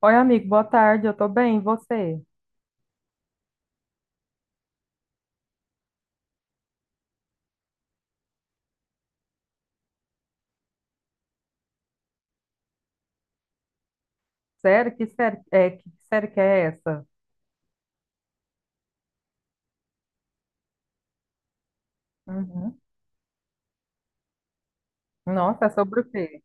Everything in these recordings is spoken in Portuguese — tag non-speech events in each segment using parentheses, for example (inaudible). Oi, amigo, boa tarde, eu tô bem, e você? Sério? Que série, que série que é essa? Uhum. Nossa, é sobre o quê?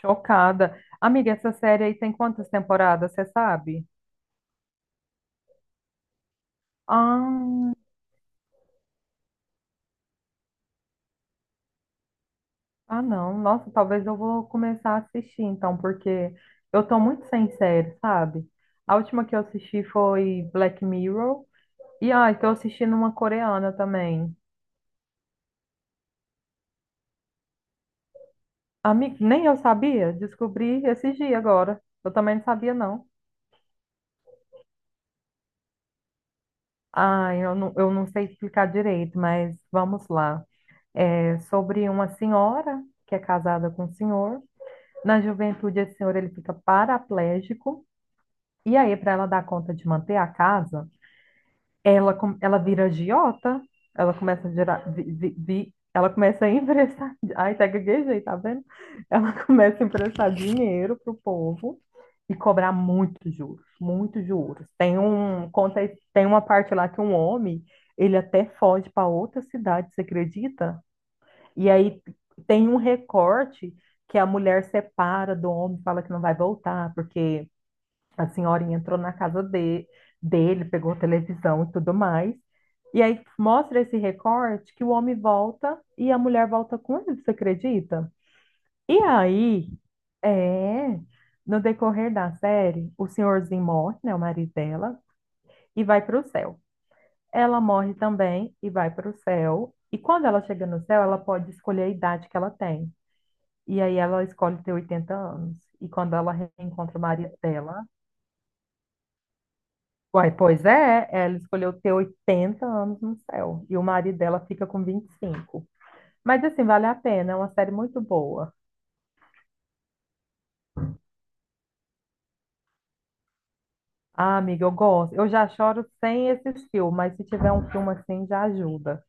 Chocada. Amiga, essa série aí tem quantas temporadas, você sabe? Ah, ah, não. Nossa, talvez eu vou começar a assistir então, porque eu tô muito sem série, sabe? A última que eu assisti foi Black Mirror. E tô assistindo uma coreana também. Amiga, nem eu sabia, descobri esses dias agora. Eu também não sabia, não. Ah, eu não sei explicar direito, mas vamos lá. É sobre uma senhora que é casada com um senhor. Na juventude, esse senhor ele fica paraplégico. E aí, para ela dar conta de manter a casa, ela, ela vira agiota, ela começa a gerar, ela começa a emprestar, (laughs) ai, até gaguejei, tá vendo? Ela (laughs) começa a emprestar dinheiro pro povo e cobrar muitos juros, muitos juros. Tem uma parte lá que um homem, ele até foge para outra cidade, você acredita? E aí tem um recorte que a mulher separa do homem, fala que não vai voltar, porque a senhorinha entrou na dele, pegou a televisão e tudo mais. E aí mostra esse recorte que o homem volta e a mulher volta com ele, você acredita? E aí, é, no decorrer da série, o senhorzinho morre, né, o marido dela, e vai para o céu. Ela morre também e vai para o céu. E quando ela chega no céu, ela pode escolher a idade que ela tem. E aí ela escolhe ter 80 anos. E quando ela reencontra o marido dela, uai, pois é, ela escolheu ter 80 anos no céu e o marido dela fica com 25. Mas assim, vale a pena, é uma série muito boa. Ah, amiga, eu gosto. Eu já choro sem esses filmes, mas se tiver um filme assim já ajuda.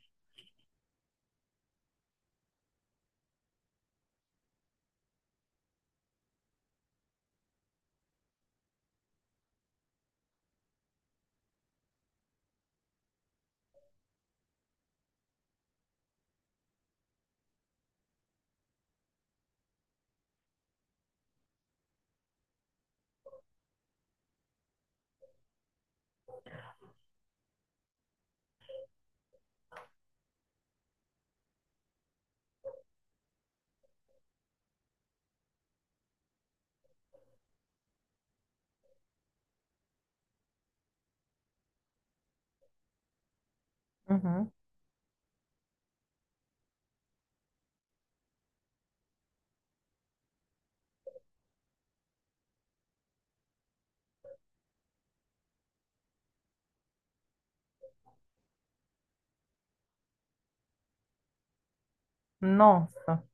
Uhum. Nossa,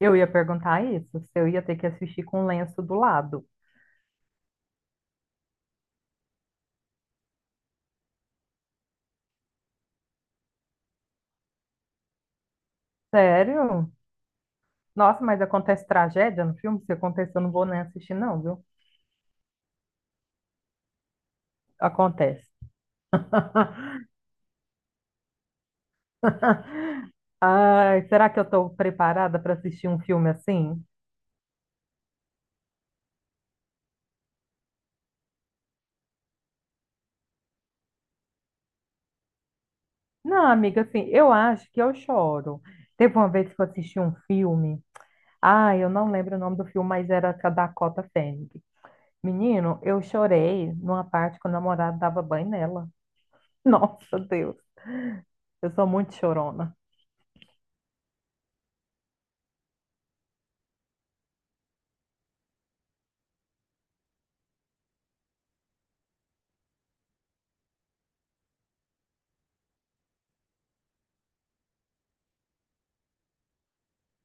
eu ia perguntar isso, se eu ia ter que assistir com o lenço do lado. Sério? Nossa, mas acontece tragédia no filme? Se acontecer, eu não vou nem assistir, não, viu? Acontece. (laughs) Ai, será que eu estou preparada para assistir um filme assim? Não, amiga, assim, eu acho que eu choro. Teve uma vez que eu assisti um filme. Ah, eu não lembro o nome do filme, mas era com a Dakota Fanning. Menino, eu chorei numa parte que o namorado dava banho nela. (laughs) Nossa, Deus, eu sou muito chorona.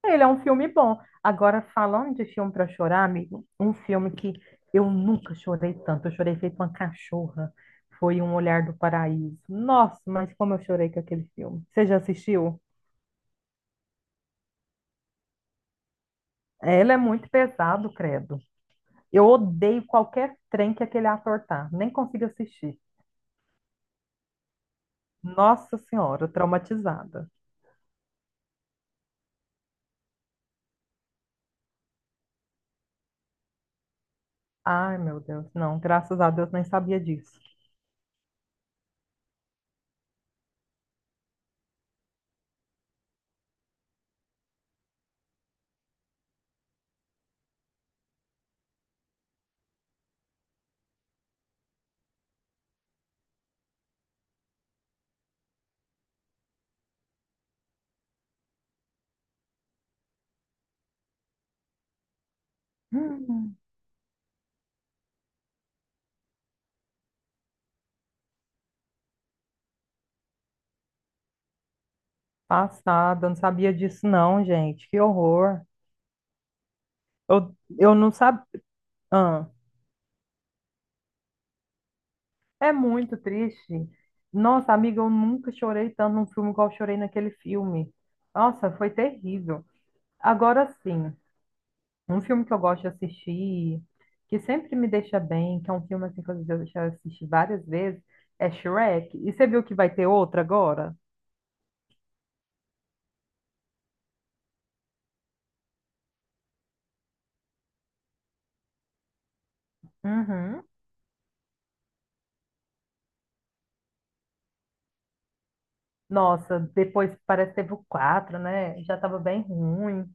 Ele é um filme bom. Agora, falando de filme para chorar, amigo, um filme que eu nunca chorei tanto. Eu chorei feito uma cachorra. Foi Um Olhar do Paraíso. Nossa, mas como eu chorei com aquele filme. Você já assistiu? Ela é muito pesado, credo. Eu odeio qualquer trem que aquele ator tá. Nem consigo assistir. Nossa Senhora, traumatizada. Ai, meu Deus. Não, graças a Deus, nem sabia disso. Hum, passada, não sabia disso não, gente. Que horror. Eu não sabia. Ah, é muito triste. Nossa, amiga, eu nunca chorei tanto num filme igual eu chorei naquele filme. Nossa, foi terrível. Agora sim, um filme que eu gosto de assistir, que sempre me deixa bem, que é um filme assim que eu já assisti várias vezes, é Shrek. E você viu que vai ter outro agora? Uhum. Nossa, depois parece que teve o 4, né? Já tava bem ruim.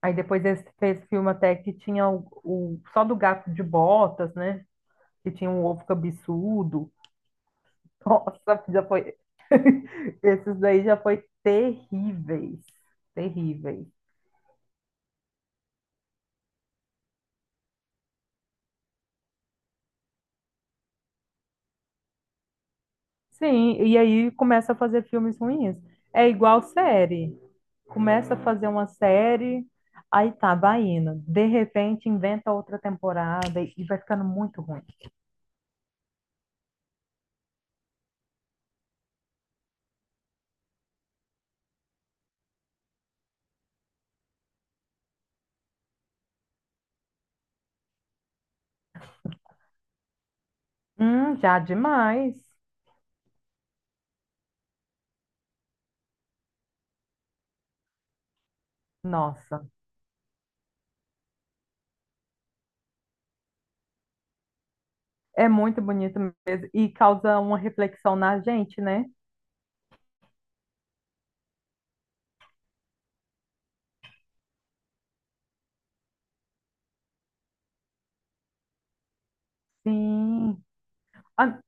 Aí depois esse fez filme até que tinha só do gato de botas, né? Que tinha um ovo cabeçudo. Nossa, já foi. (laughs) Esses daí já foi terríveis. Terríveis. Sim, e aí começa a fazer filmes ruins. É igual série. Começa a fazer uma série, aí tá, vai indo. De repente inventa outra temporada e vai ficando muito ruim. Já demais. Nossa, é muito bonito mesmo. E causa uma reflexão na gente, né? Sim. Ah,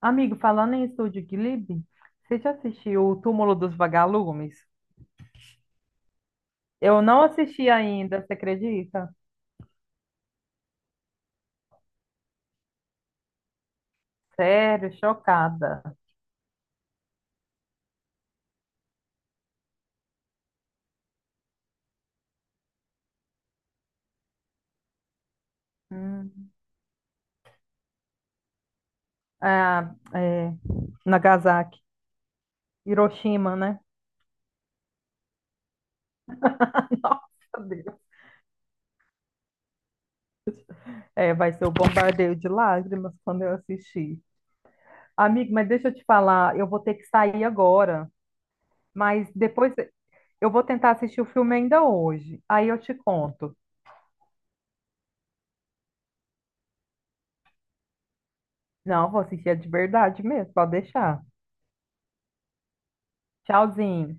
amigo, falando em Estúdio Ghibli, você já assistiu O Túmulo dos Vagalumes? Eu não assisti ainda, você acredita? Sério, chocada. Hum. Ah, é, Nagasaki, Hiroshima, né? (laughs) Nossa, Deus. É, vai ser o bombardeio de lágrimas quando eu assistir. Amigo, mas deixa eu te falar, eu vou ter que sair agora, mas depois eu vou tentar assistir o filme ainda hoje. Aí eu te conto. Não, vou assistir é de verdade mesmo, pode deixar. Tchauzinho.